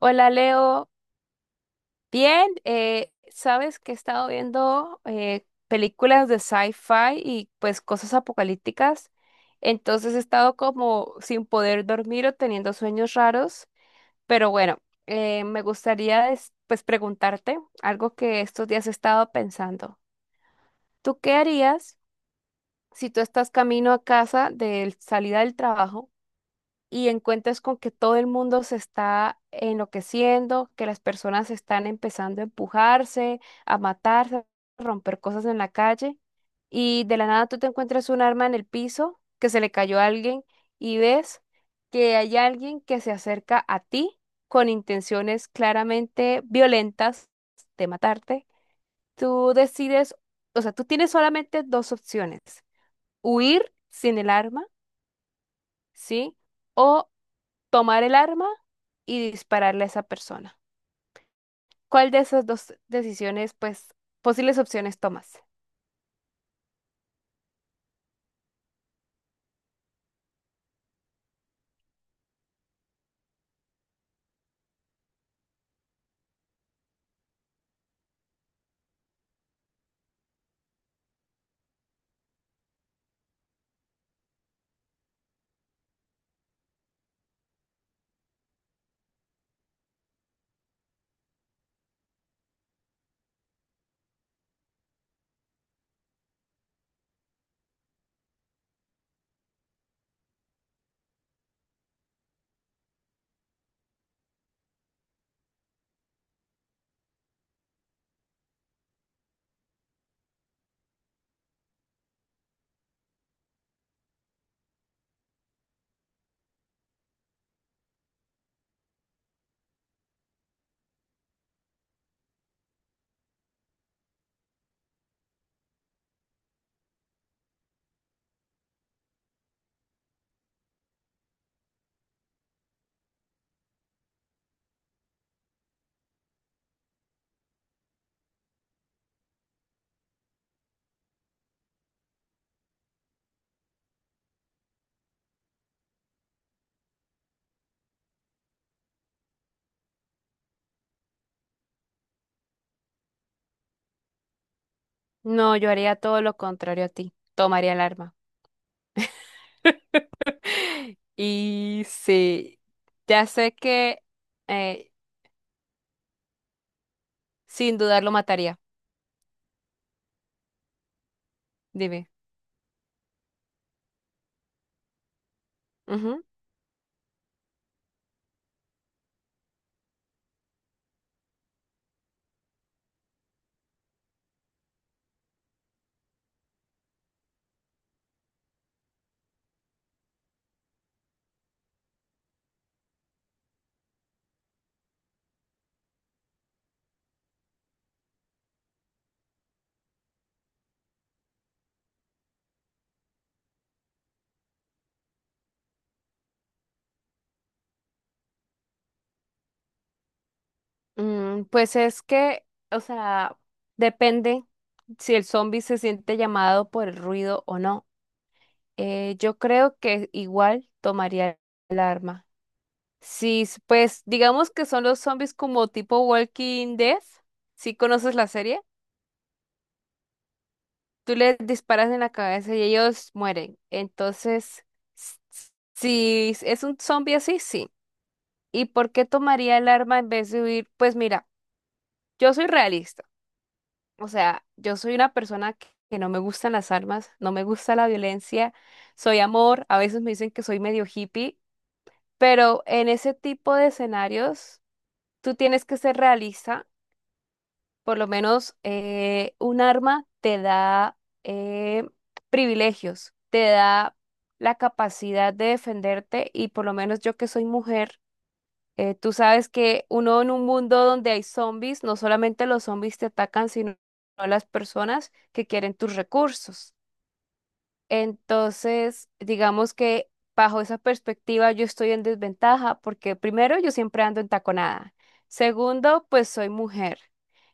Hola Leo, bien. Sabes que he estado viendo películas de sci-fi y pues cosas apocalípticas, entonces he estado como sin poder dormir o teniendo sueños raros, pero bueno, me gustaría pues preguntarte algo que estos días he estado pensando. ¿Tú qué harías si tú estás camino a casa de salida del trabajo y encuentras con que todo el mundo se está enloqueciendo, que las personas están empezando a empujarse, a matarse, a romper cosas en la calle, y de la nada tú te encuentras un arma en el piso que se le cayó a alguien y ves que hay alguien que se acerca a ti con intenciones claramente violentas de matarte? Tú decides, o sea, tú tienes solamente dos opciones: huir sin el arma, ¿sí? O tomar el arma y dispararle a esa persona. ¿Cuál de esas dos decisiones, pues, posibles opciones tomas? No, yo haría todo lo contrario a ti. Tomaría el arma. Y sí, ya sé que eh, sin dudar lo mataría. Dime. Ujú. Mm, pues es que, o sea, depende si el zombie se siente llamado por el ruido o no. Yo creo que igual tomaría el arma. Sí, pues digamos que son los zombies como tipo Walking Dead. ¿Si conoces la serie? Tú les disparas en la cabeza y ellos mueren. Entonces, s- s- si s- es un zombie así, sí. ¿Y por qué tomaría el arma en vez de huir? Pues mira, yo soy realista. O sea, yo soy una persona que no me gustan las armas, no me gusta la violencia, soy amor. A veces me dicen que soy medio hippie, pero en ese tipo de escenarios, tú tienes que ser realista. Por lo menos un arma te da eh, privilegios, te da la capacidad de defenderte, y por lo menos yo que soy mujer, tú sabes que uno en un mundo donde hay zombies, no solamente los zombies te atacan, sino las personas que quieren tus recursos. Entonces, digamos que bajo esa perspectiva yo estoy en desventaja porque primero yo siempre ando en taconada. Segundo, pues soy mujer.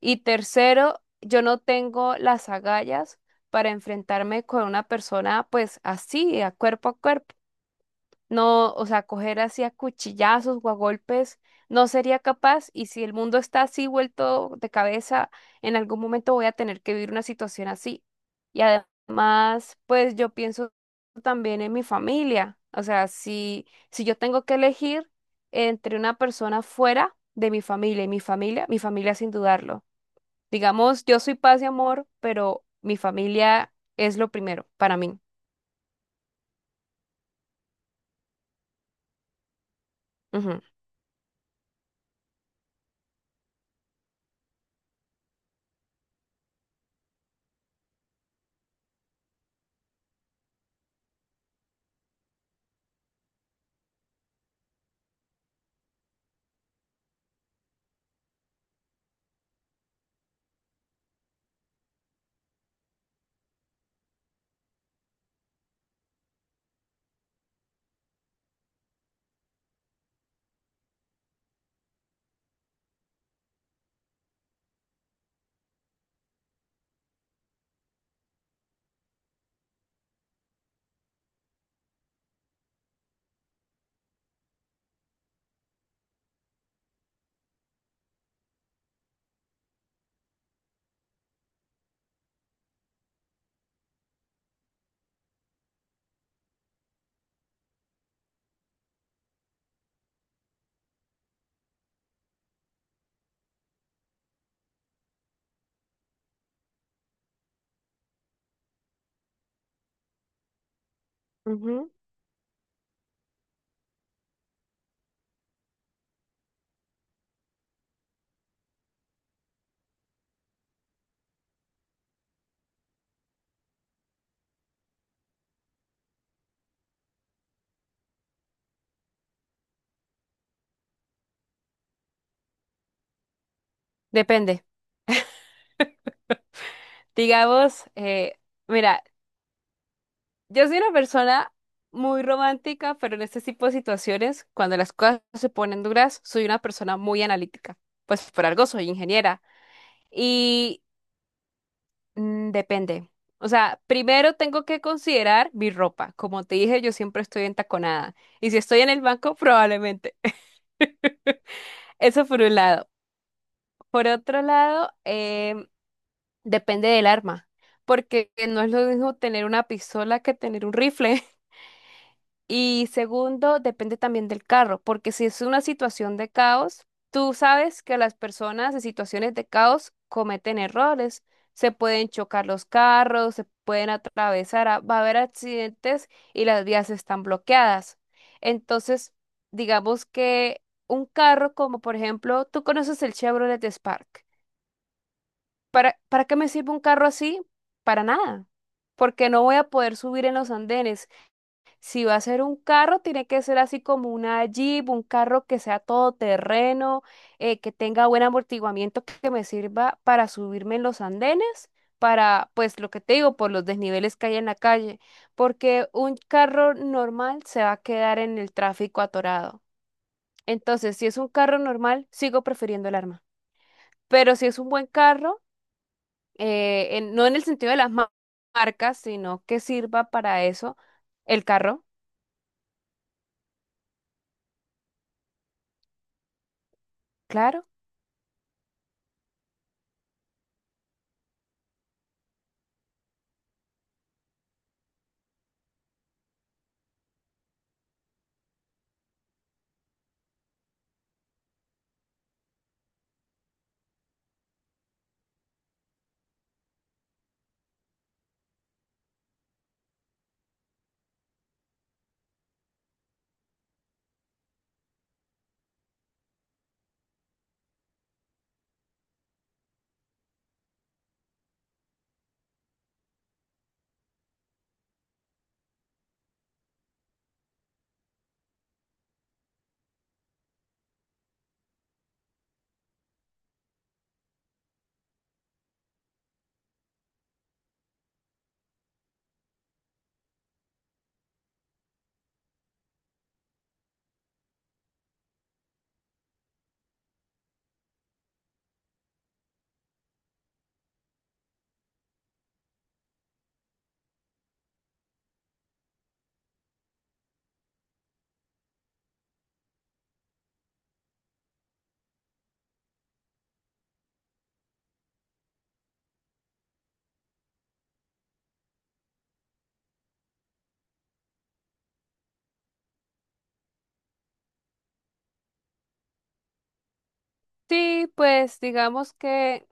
Y tercero, yo no tengo las agallas para enfrentarme con una persona pues así, a cuerpo a cuerpo. No, o sea, coger así a cuchillazos o a golpes, no sería capaz. Y si el mundo está así vuelto de cabeza, en algún momento voy a tener que vivir una situación así. Y además, pues yo pienso también en mi familia. O sea, si yo tengo que elegir entre una persona fuera de mi familia y mi familia sin dudarlo. Digamos, yo soy paz y amor, pero mi familia es lo primero para mí. Ujú. Ujú. Depende. Digamos, mira, yo soy una persona muy romántica, pero en este tipo de situaciones, cuando las cosas se ponen duras, soy una persona muy analítica. Pues por algo soy ingeniera. Y mm, depende. O sea, primero tengo que considerar mi ropa. Como te dije, yo siempre estoy entaconada. Y si estoy en el banco, probablemente. Eso por un lado. Por otro lado, depende del arma, porque no es lo mismo tener una pistola que tener un rifle. Y segundo, depende también del carro, porque si es una situación de caos, tú sabes que las personas en situaciones de caos cometen errores, se pueden chocar los carros, se pueden atravesar, va a haber accidentes y las vías están bloqueadas. Entonces, digamos que un carro como por ejemplo, tú conoces el Chevrolet Spark. Para qué me sirve un carro así? Para nada, porque no voy a poder subir en los andenes. Si va a ser un carro, tiene que ser así como una Jeep, un carro que sea todoterreno, que tenga buen amortiguamiento, que me sirva para subirme en los andenes, para, pues lo que te digo, por los desniveles que hay en la calle, porque un carro normal se va a quedar en el tráfico atorado. Entonces, si es un carro normal, sigo prefiriendo el arma. Pero si es un buen carro, no en el sentido de las marcas, sino que sirva para eso el carro, claro. Sí, pues digamos que,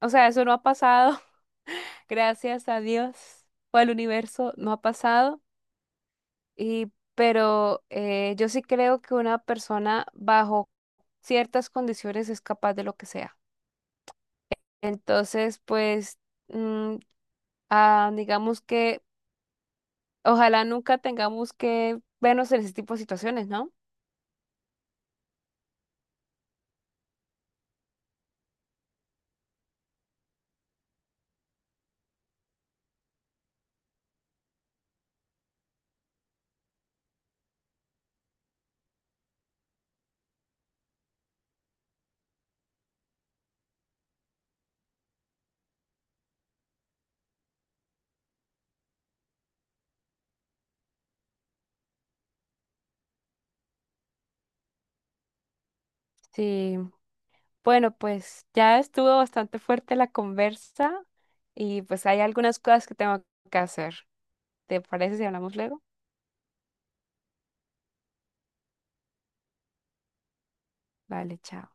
o sea, eso no ha pasado, gracias a Dios o al universo, no ha pasado. Y, pero yo sí creo que una persona bajo ciertas condiciones es capaz de lo que sea. Entonces, pues, mm, ah, digamos que ojalá nunca tengamos que vernos en ese tipo de situaciones, ¿no? Sí, bueno, pues ya estuvo bastante fuerte la conversa y pues hay algunas cosas que tengo que hacer. ¿Te parece si hablamos luego? Vale, chao.